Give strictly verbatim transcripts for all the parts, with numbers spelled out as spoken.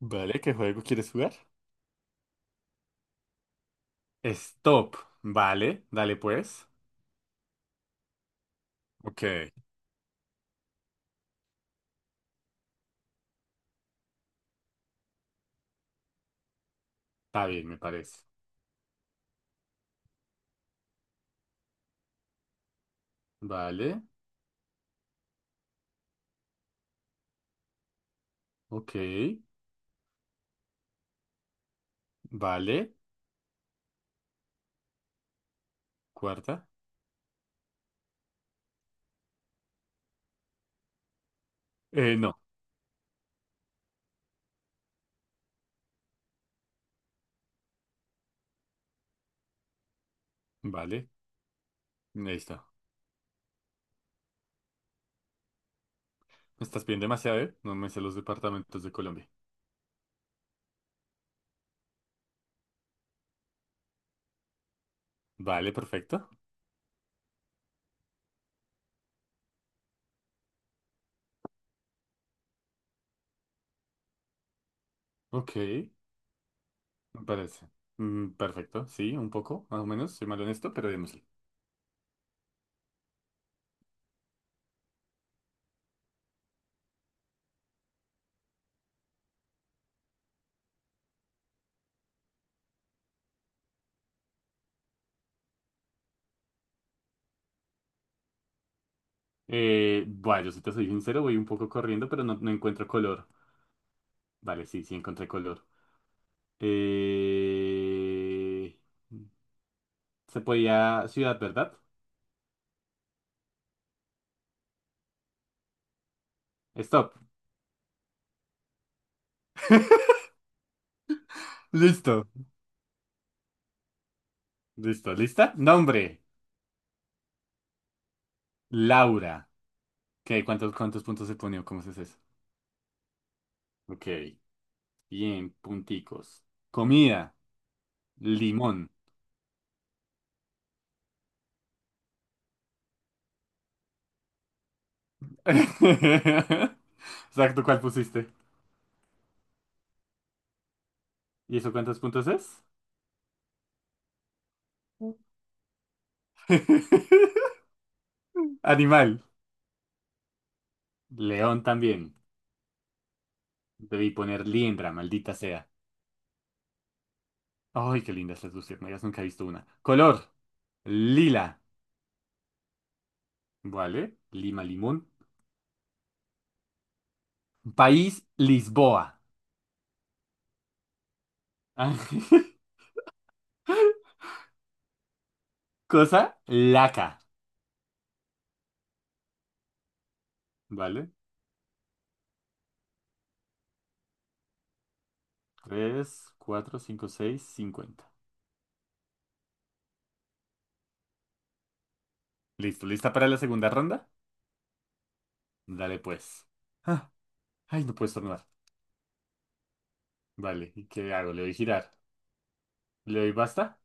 Vale, ¿qué juego quieres jugar? Stop. Vale, dale pues. Ok, está bien, me parece. Vale, ok, vale. Cuarta. Eh, no, vale. Ahí está. Me estás pidiendo demasiado, ¿eh? No me sé los departamentos de Colombia. Vale, perfecto. Ok, me parece. Mm, perfecto, sí, un poco, más o menos. Soy malo en esto, pero démosle. Eh, bueno, yo si te soy sincero, voy un poco corriendo, pero no, no encuentro color. Vale, sí, sí encontré color. Eh... Se podía ciudad, ¿verdad? Stop. Listo. Listo. ¿Lista? Nombre. Laura. ¿Qué? ¿Cuántos, cuántos puntos se pone, cómo se hace eso? Ok. Bien, punticos. Comida. Limón. Exacto, ¿cuál pusiste? ¿Y eso cuántos puntos es? Animal. León también. Debí poner liendra, maldita sea. Ay, qué lindas las luciérnagas, nunca he visto una. Color. Lila. Vale. Lima limón. País, Lisboa. Cosa, laca. ¿Vale? Tres, cuatro, cinco, seis, cincuenta. Listo, ¿lista para la segunda ronda? Dale pues. Ah, ay, no puedes tornar. Vale, ¿y qué hago? ¿Le doy girar? ¿Le doy basta?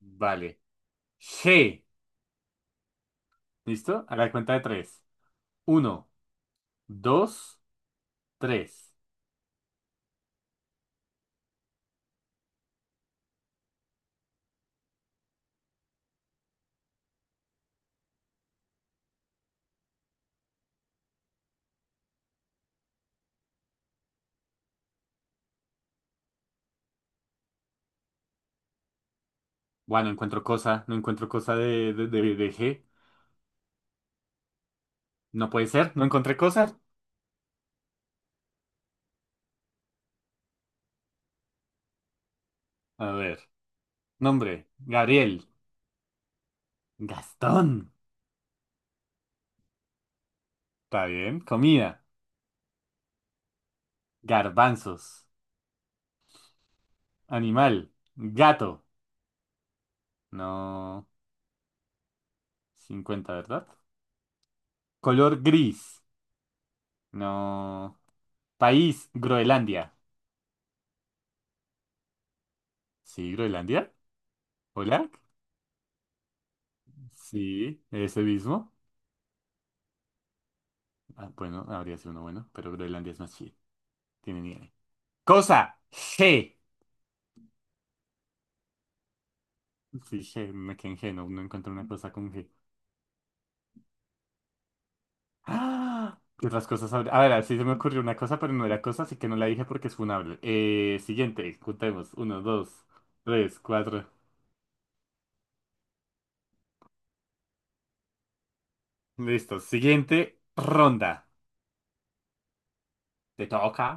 Vale. G. ¿Listo? A la cuenta de tres. Uno, dos, tres. Bueno, no encuentro cosa. No encuentro cosa de, de, de, de G. No puede ser. No encontré cosa. A ver. Nombre. Gabriel. Gastón. Está bien. Comida. Garbanzos. Animal. Gato. No. Cincuenta, ¿verdad? Color, gris. No. País. Groenlandia. Sí, Groenlandia. Hola. Sí, ese mismo. Ah, bueno, habría sido uno bueno, pero Groenlandia es más chido. Tiene nieve. Cosa. G. Sí, G. Me quedé en G. No, no encuentro una cosa con G. ¡Ah! ¿Qué otras cosas habría? A ver, sí se me ocurrió una cosa, pero no era cosa, así que no la dije porque es funable. Eh, siguiente, contemos. Uno, dos, tres, cuatro. Listo. Siguiente ronda. Te toca.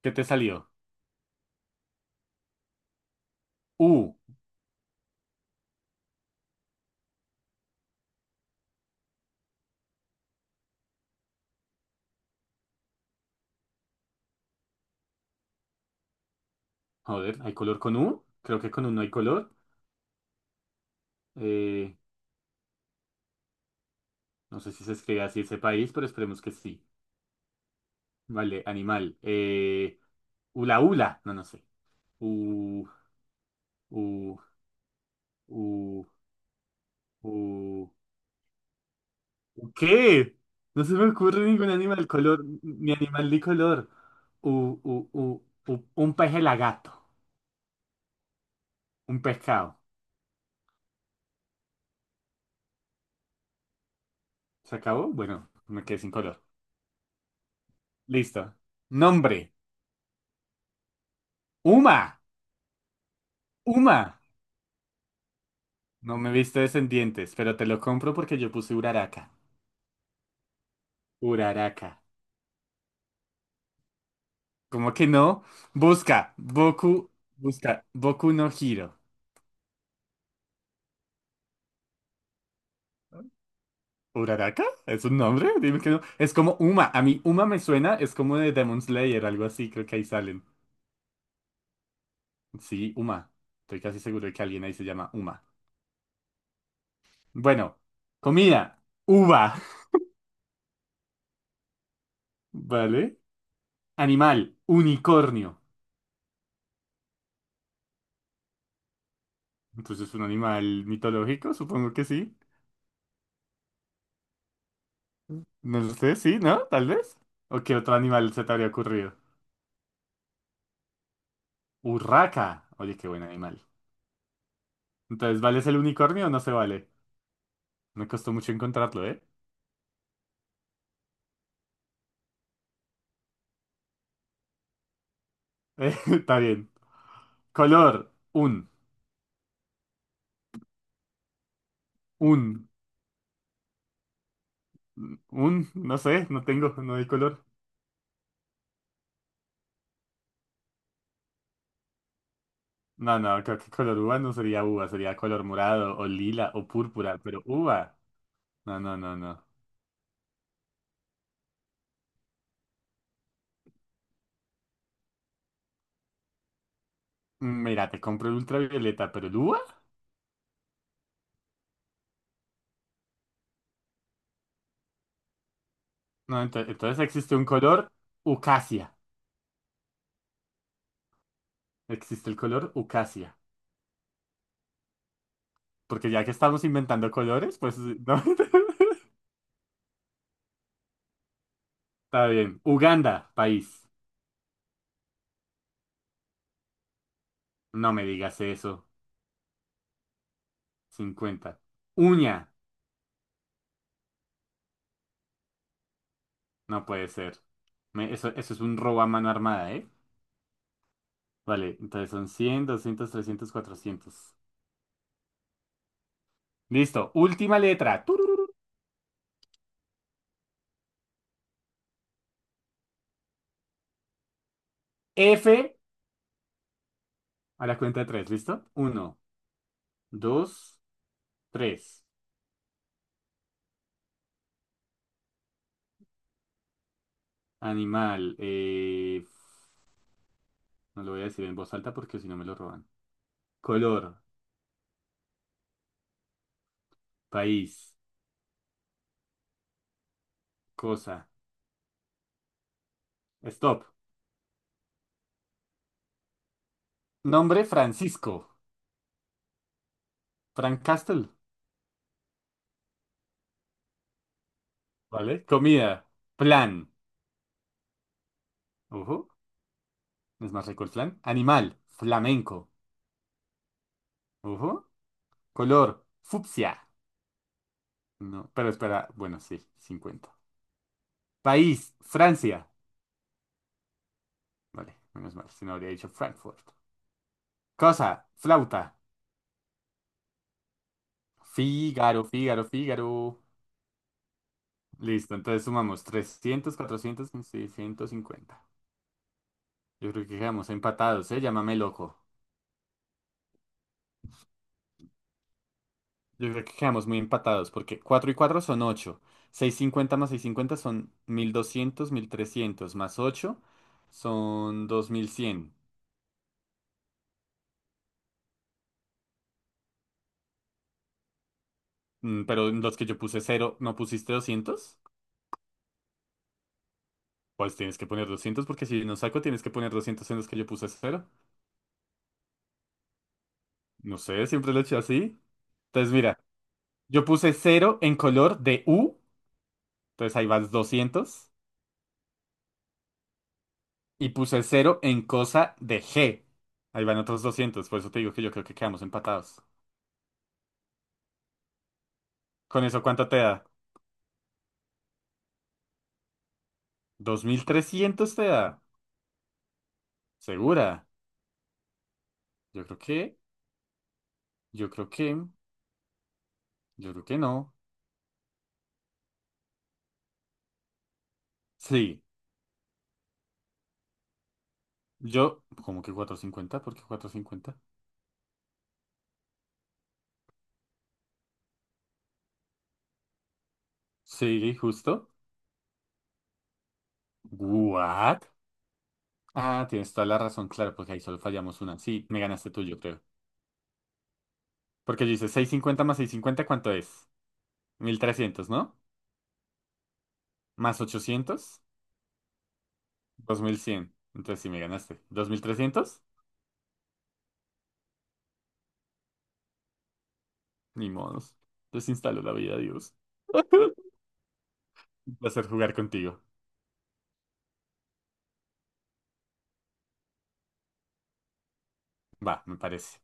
¿Qué te salió? U. Joder, ¿hay color con U? Creo que con U no hay color. Eh, no sé si se escribe así ese país, pero esperemos que sí. Vale, animal. Eh, ula ula. No, no sé. U, U, U, U. ¿Qué? No se me ocurre ningún animal color, ni animal de color. U, u- u- u- un pez gato. Un pescado. ¿Se acabó? Bueno, me quedé sin color. Listo. Nombre. Uma. Uma. No me he visto descendientes, pero te lo compro porque yo puse Uraraka. Uraraka. ¿Cómo que no? Busca. Boku. Busca. Boku no Hiro. ¿Uraraka? ¿Es un nombre? Dime que no. Es como Uma. A mí Uma me suena, es como de Demon Slayer, algo así, creo que ahí salen. Sí, Uma. Estoy casi seguro de que alguien ahí se llama Uma. Bueno, comida, uva, ¿vale? Animal, unicornio. Entonces, ¿un animal mitológico? Supongo que sí. No lo sé, sí, ¿no? Tal vez. ¿O qué otro animal se te habría ocurrido? Urraca. Oye, qué buen animal. Entonces, ¿vale es el unicornio o no se vale? Me costó mucho encontrarlo, ¿eh? Eh, Está bien. Color, un, un, un, no sé, no tengo, no hay color. No, no, creo que color uva no sería uva, sería color morado o lila o púrpura, pero uva. No, no, no, no. Mm, Mira, te compro el ultravioleta, pero el uva. No, ento- entonces existe un color ucasia. Existe el color ucasia. Porque ya que estamos inventando colores, pues sí, no. Está bien. Uganda, país. No me digas eso. Cincuenta. Uña. No puede ser. Me- eso, eso es un robo a mano armada, ¿eh? Vale, entonces son cien, doscientos, trescientos, cuatrocientos. Listo. Última letra. Tururú. F, a la cuenta de tres. ¿Listo? Uno, dos, tres. Animal. Eh, no lo voy a decir en voz alta porque si no me lo roban. Color. País. Cosa. Stop. Nombre, Francisco. Frank Castle. ¿Vale? Comida. Plan. Ojo. No es más rico el flan. Animal. Flamenco. Ojo. Color. Fucsia. No. Pero espera. Bueno, sí. Cincuenta. País. Francia. Vale, menos mal, si no habría dicho Frankfurt. Cosa, flauta. Fígaro, Fígaro, Fígaro. Listo, entonces sumamos trescientos, cuatrocientos, seiscientos cincuenta. Yo creo que quedamos empatados, ¿eh? Llámame loco. Yo creo que quedamos muy empatados porque cuatro y cuatro son ocho. Cincuenta más seiscientos cincuenta son mil doscientos, mil trescientos más ocho son dos mil cien. Mm, Pero en los que yo puse cero, ¿no pusiste doscientos? Pues tienes que poner doscientos, porque si no saco tienes que poner doscientos en los que yo puse cero. No sé, siempre lo he hecho así. Entonces, mira, yo puse cero en color de U, entonces ahí vas doscientos, y puse cero en cosa de G, ahí van otros doscientos, por eso te digo que yo creo que quedamos empatados. ¿Con eso cuánto te da? Dos mil trescientos te da. ¿Segura? Yo creo que, yo creo que, yo creo que no. Sí, yo, ¿cómo que cuatrocientos cincuenta? ¿Por qué cuatrocientos cincuenta? Sí, justo. ¿What? Ah, tienes toda la razón, claro, porque ahí solo fallamos una. Sí, me ganaste tú, yo creo. Porque dice seiscientos cincuenta más seiscientos cincuenta, ¿cuánto es? Mil trescientos, ¿no? Más ochocientos, dos mil cien. Entonces sí me ganaste. Dos mil trescientos. Ni modos. Desinstalo la vida, Dios. Un placer jugar contigo. Va, me parece.